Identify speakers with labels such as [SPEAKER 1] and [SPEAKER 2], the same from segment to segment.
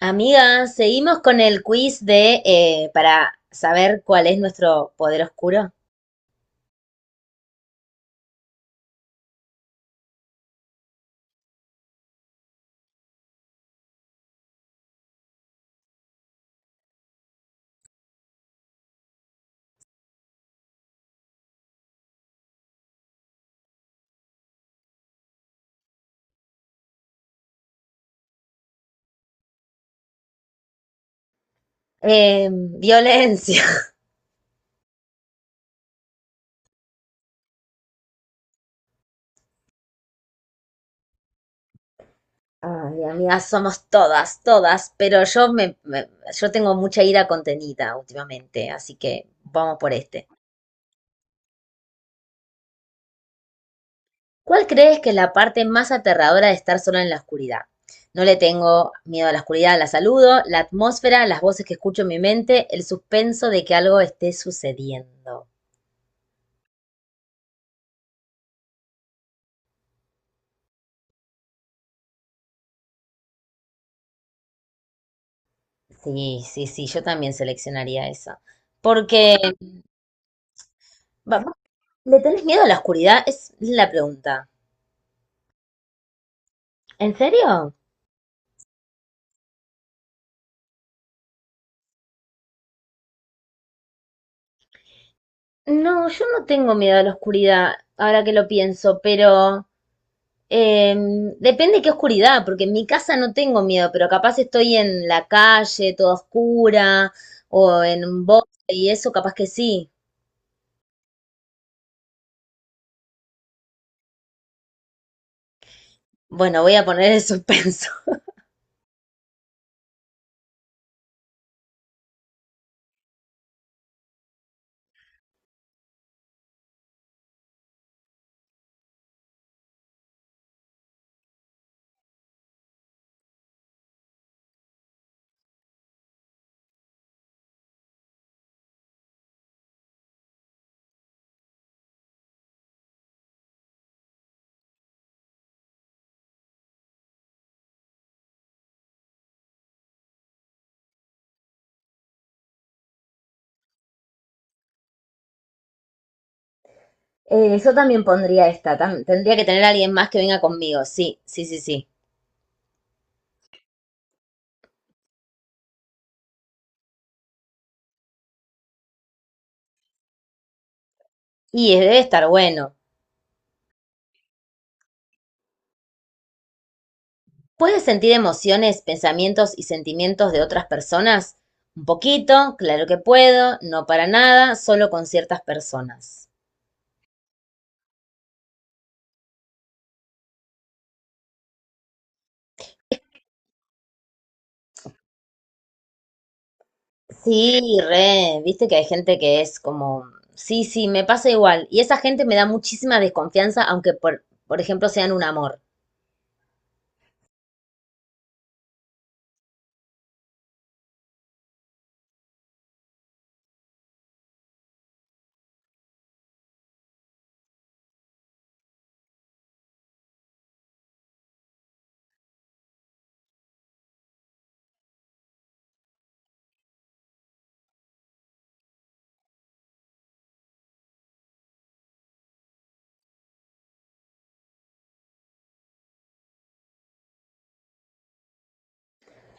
[SPEAKER 1] Amiga, seguimos con el quiz de para saber cuál es nuestro poder oscuro. Violencia. Ay, amiga, somos todas, todas, pero yo tengo mucha ira contenida últimamente, así que vamos por este. ¿Cuál crees que es la parte más aterradora de estar sola en la oscuridad? No le tengo miedo a la oscuridad, la saludo, la atmósfera, las voces que escucho en mi mente, el suspenso de que algo esté sucediendo. Sí, sí, sí, yo también seleccionaría esa. Porque, va- va- ¿le tenés miedo a la oscuridad? Es la pregunta. ¿En serio? No, yo no tengo miedo a la oscuridad, ahora que lo pienso, pero depende qué oscuridad, porque en mi casa no tengo miedo, pero capaz estoy en la calle, toda oscura, o en un bosque y eso, capaz que sí. Bueno, voy a poner el suspenso. Yo también pondría esta, tendría que tener a alguien más que venga conmigo, sí, sí, sí, sí. Y debe estar bueno. ¿Puedes sentir emociones, pensamientos y sentimientos de otras personas? Un poquito, claro que puedo, no para nada, solo con ciertas personas. Sí, re, viste que hay gente que es como, sí, sí, me pasa igual. Y esa gente me da muchísima desconfianza, aunque por ejemplo sean un amor.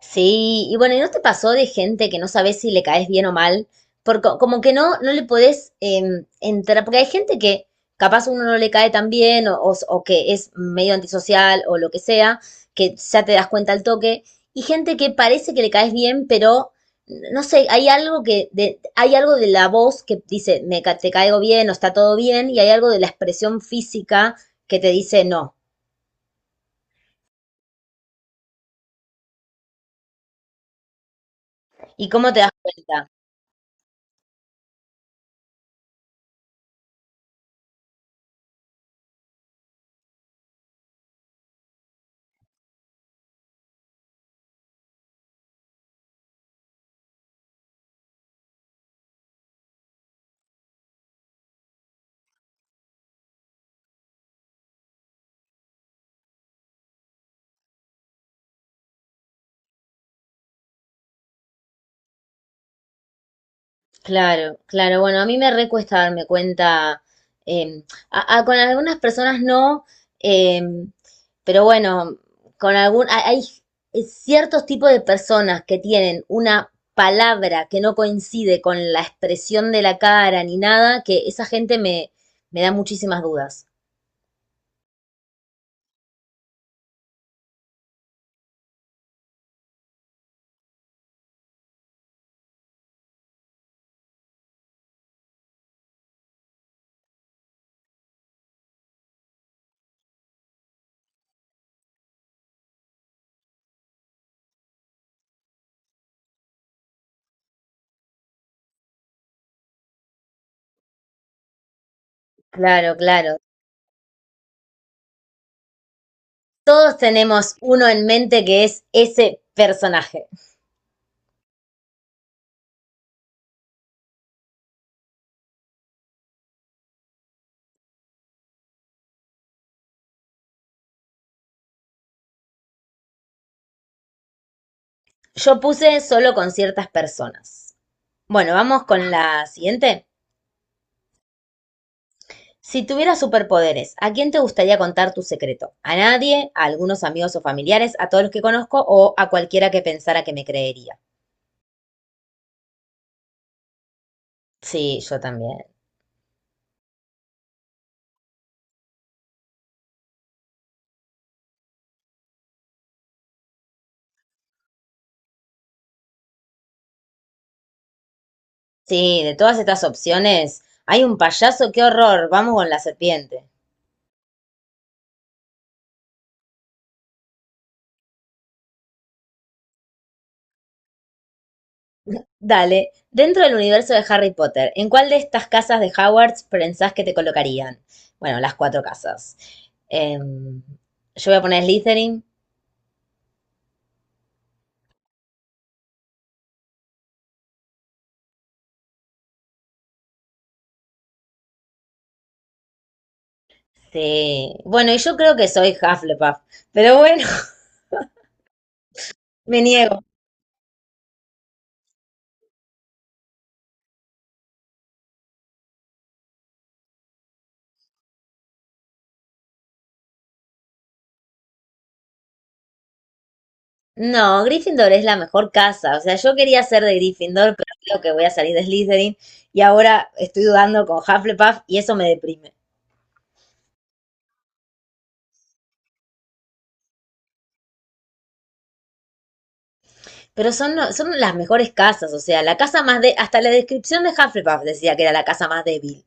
[SPEAKER 1] Sí, y bueno, ¿y no te pasó de gente que no sabes si le caes bien o mal? Porque como que no le podés entrar, porque hay gente que capaz uno no le cae tan bien o que es medio antisocial o lo que sea, que ya te das cuenta al toque, y gente que parece que le caes bien, pero no sé, hay algo que de, hay algo de la voz que dice te caigo bien o está todo bien, y hay algo de la expresión física que te dice no. ¿Y cómo te das cuenta? Claro, claro. Bueno, a mí me recuesta darme cuenta. eh, con algunas personas no, eh, pero bueno, con algún, hay ciertos tipos de personas que tienen una palabra que no coincide con la expresión de la cara ni nada, que esa gente me da muchísimas dudas. Claro, claro. Todos tenemos uno en mente que es ese personaje. Yo puse solo con ciertas personas. Bueno, vamos con la siguiente. Si tuvieras superpoderes, ¿a quién te gustaría contar tu secreto? ¿A nadie? ¿A algunos amigos o familiares? ¿A todos los que conozco? ¿O a cualquiera que pensara que me creería? Sí, yo también. Sí, de todas estas opciones, hay un payaso, qué horror. Vamos con la serpiente. Dale, dentro del universo de Harry Potter, ¿en cuál de estas casas de Hogwarts pensás que te colocarían? Bueno, las cuatro casas. Em, yo voy a poner Slytherin. Sí. Bueno, y yo creo que soy Hufflepuff, pero bueno, me niego. No, Gryffindor es la mejor casa. O sea, yo quería ser de Gryffindor, pero creo que voy a salir de Slytherin y ahora estoy dudando con Hufflepuff y eso me deprime. Pero son, son las mejores casas, o sea, la casa más de... Hasta la descripción de Hufflepuff decía que era la casa más débil.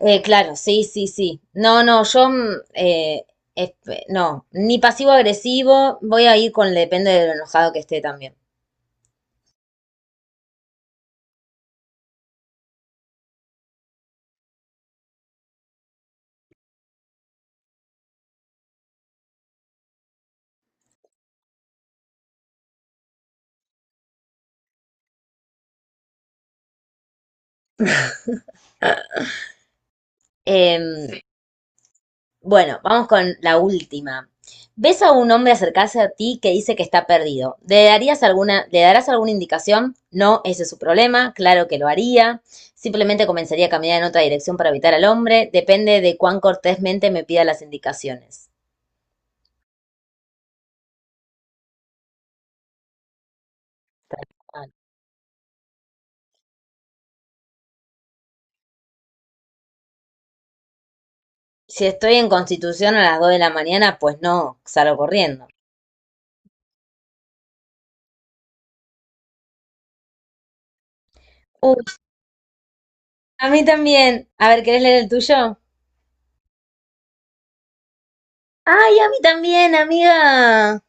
[SPEAKER 1] Claro, sí, sí, sí. No, no, yo... no, ni pasivo agresivo, voy a ir con depende de lo enojado que esté también. Em, Bueno, vamos con la última. ¿Ves a un hombre acercarse a ti que dice que está perdido? ¿Le darías alguna, le darás alguna indicación? No, ese es su problema, claro que lo haría. Simplemente comenzaría a caminar en otra dirección para evitar al hombre. Depende de cuán cortésmente me pida las indicaciones. Ah, Si estoy en Constitución a las 2 de la mañana, pues no, salgo corriendo. Uy, a mí también. A ver, ¿querés leer el tuyo? Ay, a mí también, amiga.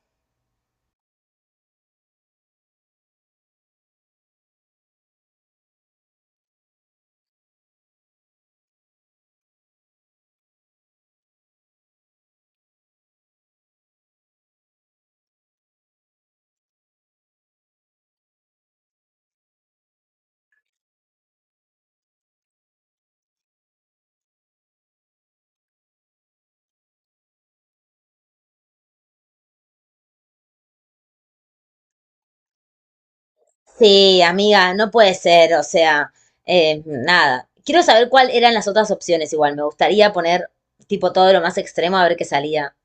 [SPEAKER 1] Sí, amiga, no puede ser, o sea, nada. Quiero saber cuáles eran las otras opciones igual. Me gustaría poner tipo todo lo más extremo a ver qué salía.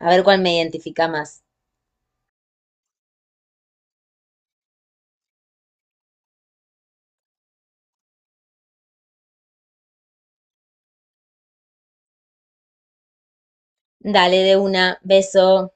[SPEAKER 1] A ver cuál me identifica más. Dale de una, beso.